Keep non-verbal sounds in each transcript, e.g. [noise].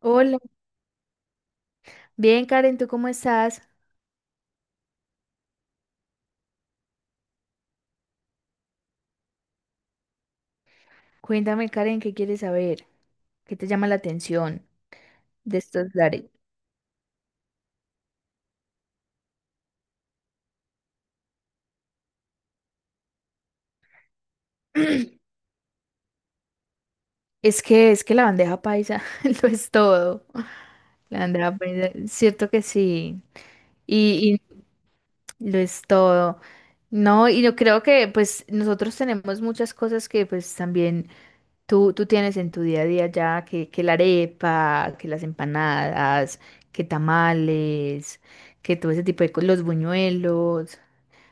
Hola, bien Karen, ¿tú cómo estás? Cuéntame Karen, ¿qué quieres saber? ¿Qué te llama la atención de estos lares? Es que la bandeja paisa [laughs] lo es todo. La bandeja paisa, cierto que sí. Y, y lo es todo. No, y yo creo que pues nosotros tenemos muchas cosas que pues también tú tienes en tu día a día ya, que la arepa, que las empanadas, que tamales, que todo ese tipo de cosas, los buñuelos.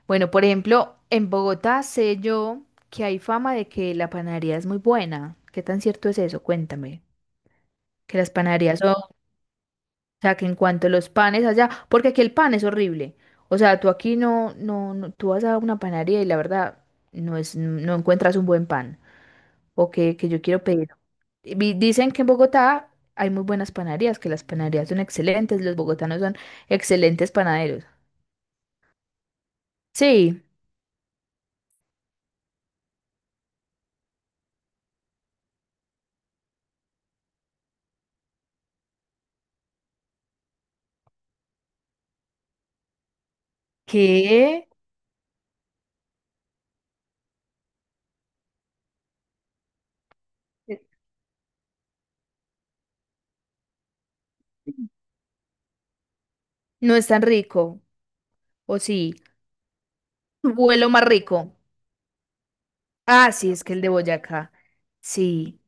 Bueno, por ejemplo, en Bogotá sé yo que hay fama de que la panadería es muy buena. ¿Qué tan cierto es eso? Cuéntame. Que las panaderías son, o sea, que en cuanto a los panes allá, porque aquí el pan es horrible. O sea, tú aquí tú vas a una panadería y la verdad no es, no encuentras un buen pan. O que yo quiero pedir. Dicen que en Bogotá hay muy buenas panaderías, que las panaderías son excelentes, los bogotanos son excelentes panaderos. Sí, que no es tan rico, o sí. Vuelo más rico. Ah, sí, es que el de Boyacá. Sí,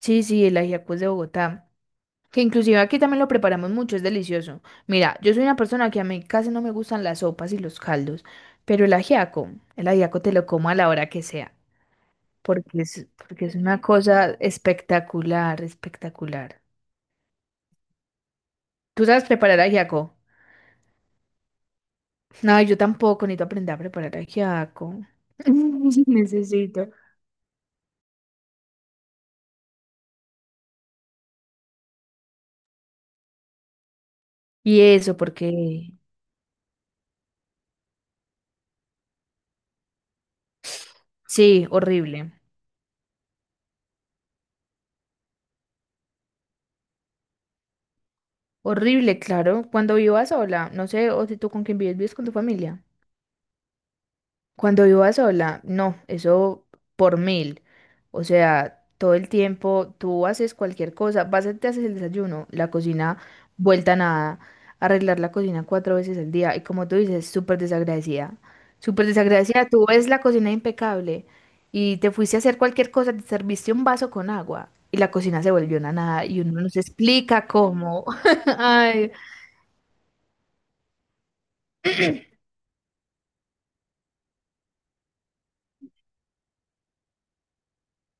sí, el ajiaco es de Bogotá. Que inclusive aquí también lo preparamos mucho, es delicioso. Mira, yo soy una persona que a mí casi no me gustan las sopas y los caldos, pero el ajiaco te lo como a la hora que sea, porque es una cosa espectacular, espectacular. ¿Tú sabes preparar ajiaco? No, yo tampoco, necesito aprender a preparar ajiaco. [laughs] Necesito. Y eso, porque... Sí, horrible. Horrible, claro. Cuando viva sola, no sé, o si tú con quién vives, vives con tu familia. Cuando viva sola, no, eso por mil. O sea, todo el tiempo tú haces cualquier cosa, vas, te haces el desayuno, la cocina vuelta a nada, arreglar la cocina cuatro veces al día. Y como tú dices, súper desagradecida. Súper desagradecida, tú ves la cocina impecable y te fuiste a hacer cualquier cosa, te serviste un vaso con agua y la cocina se volvió una nada y uno no se explica cómo. [laughs] Ay,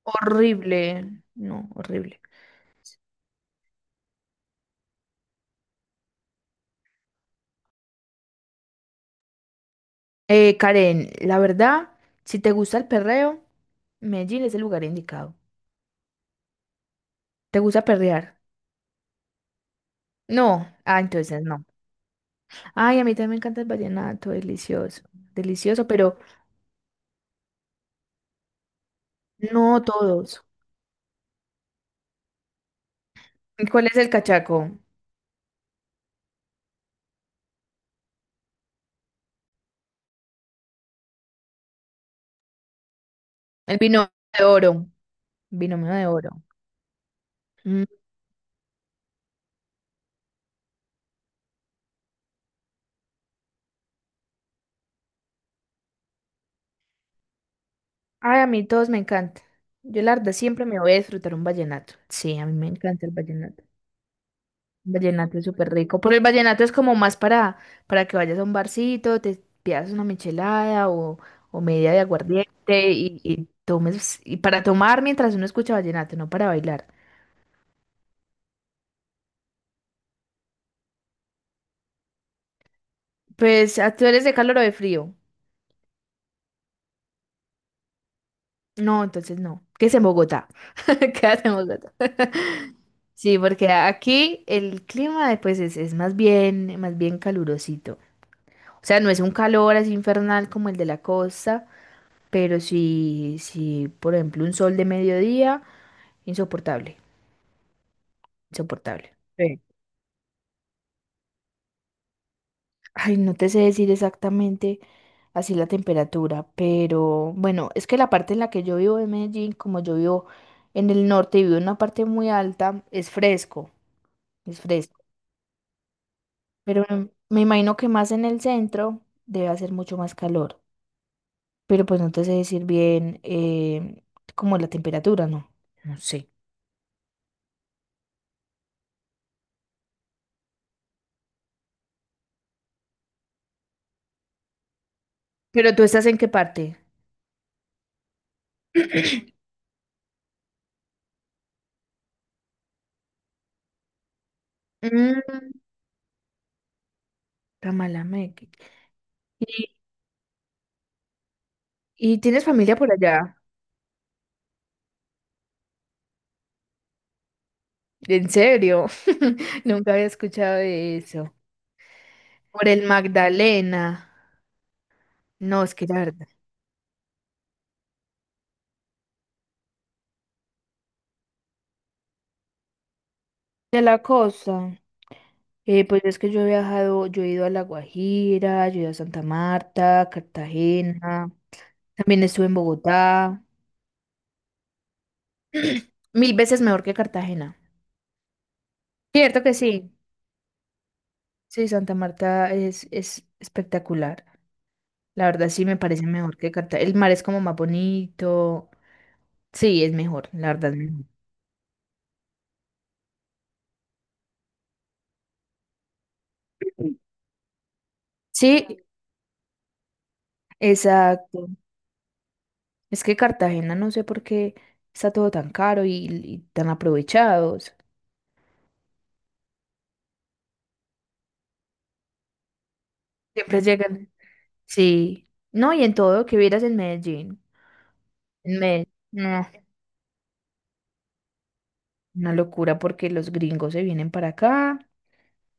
horrible. No, horrible. Karen, la verdad, si te gusta el perreo, Medellín es el lugar indicado. ¿Te gusta perrear? No. Ah, entonces no. Ay, a mí también me encanta el vallenato, delicioso. Delicioso, pero no todos. ¿Y ¿cuál es el cachaco? El vino de oro. Binomio de oro. Mm. Ay, a mí todos me encanta. Yo, la verdad, siempre me voy a disfrutar un vallenato. Sí, a mí me encanta el vallenato. Vallenato es súper rico. Pero el vallenato es como más para que vayas a un barcito, te pidas una michelada o media de aguardiente y tomes, y para tomar mientras uno escucha vallenato, no para bailar. Pues, ¿ah, ¿tú eres de calor o de frío? No, entonces no. ¿Qué es en Bogotá? [laughs] Quédate en Bogotá. [laughs] Sí, porque aquí el clima pues es más bien calurosito. O sea, no es un calor así infernal como el de la costa, pero sí, sí, por ejemplo, un sol de mediodía insoportable, insoportable. Sí. Ay, no te sé decir exactamente así la temperatura, pero bueno, es que la parte en la que yo vivo en Medellín, como yo vivo en el norte y vivo en una parte muy alta, es fresco, es fresco. Pero me imagino que más en el centro debe hacer mucho más calor. Pero pues no te sé decir bien como la temperatura, ¿no? No sé. ¿Pero tú estás en qué parte? [coughs] [clears throat] Mm, Tamalameque. ¿Y, y tienes familia por allá? En serio, [laughs] nunca había escuchado de eso. Por el Magdalena. No, es que la verdad. De la costa. Pues es que yo he viajado, yo he ido a La Guajira, yo he ido a Santa Marta, Cartagena. También estuve en Bogotá. [clears throat] Mil veces mejor que Cartagena. Cierto que sí. Sí, Santa Marta es espectacular. La verdad sí me parece mejor que Cartagena. El mar es como más bonito. Sí, es mejor, la verdad es mejor. Sí, exacto. Es que Cartagena no sé por qué está todo tan caro y tan aprovechados. Siempre llegan. Sí. No, y en todo que vieras en Medellín. En Medellín. No, una locura porque los gringos se vienen para acá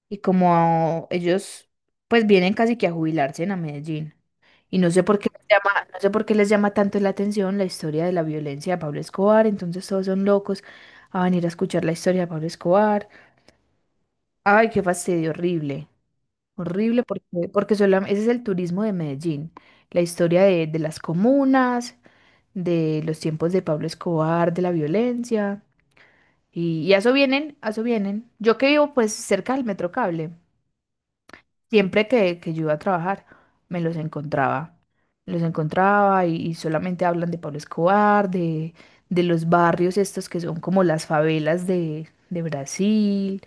y como ellos pues vienen casi que a jubilarse en a Medellín. Y no sé por qué les llama, no sé por qué les llama tanto la atención la historia de la violencia de Pablo Escobar, entonces todos son locos a venir a escuchar la historia de Pablo Escobar. Ay, qué fastidio horrible. Horrible porque, porque ese es el turismo de Medellín, la historia de las comunas, de los tiempos de Pablo Escobar, de la violencia, y a eso vienen, a eso vienen. Yo que vivo pues cerca del Metrocable, siempre que yo iba a trabajar, me los encontraba, me los encontraba y solamente hablan de Pablo Escobar, de los barrios estos que son como las favelas de Brasil,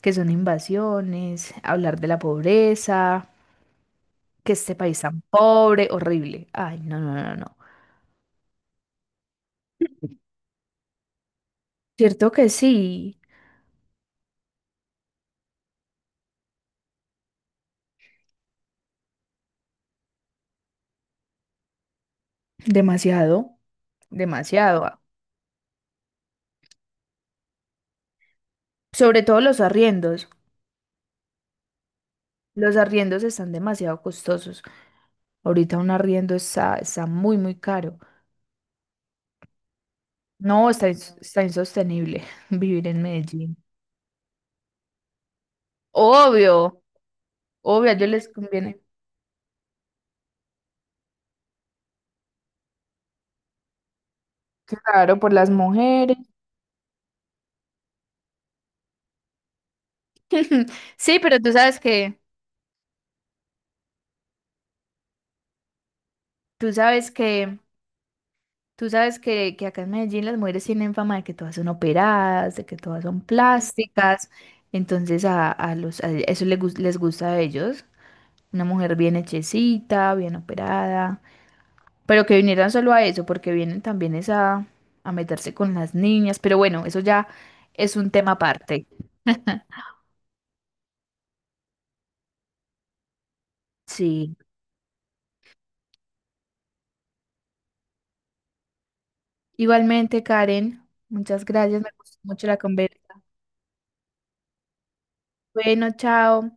que son invasiones, hablar de la pobreza que este país tan pobre, horrible. Ay, no, no, no, no. Cierto que sí, demasiado, demasiado. Ah. Sobre todo los arriendos. Los arriendos están demasiado costosos. Ahorita un arriendo está, está muy, muy caro. No, está insostenible [laughs] vivir en Medellín. Obvio, obvio, a ellos les conviene. Claro, por las mujeres. [laughs] Sí, pero tú sabes que tú sabes que acá en Medellín las mujeres tienen fama de que todas son operadas, de que todas son plásticas, entonces a eso les, les gusta a ellos, una mujer bien hechecita, bien operada, pero que vinieran solo a eso, porque vienen también es a meterse con las niñas, pero bueno, eso ya es un tema aparte. Sí, igualmente Karen, muchas gracias, me gustó mucho la conversa. Bueno, chao.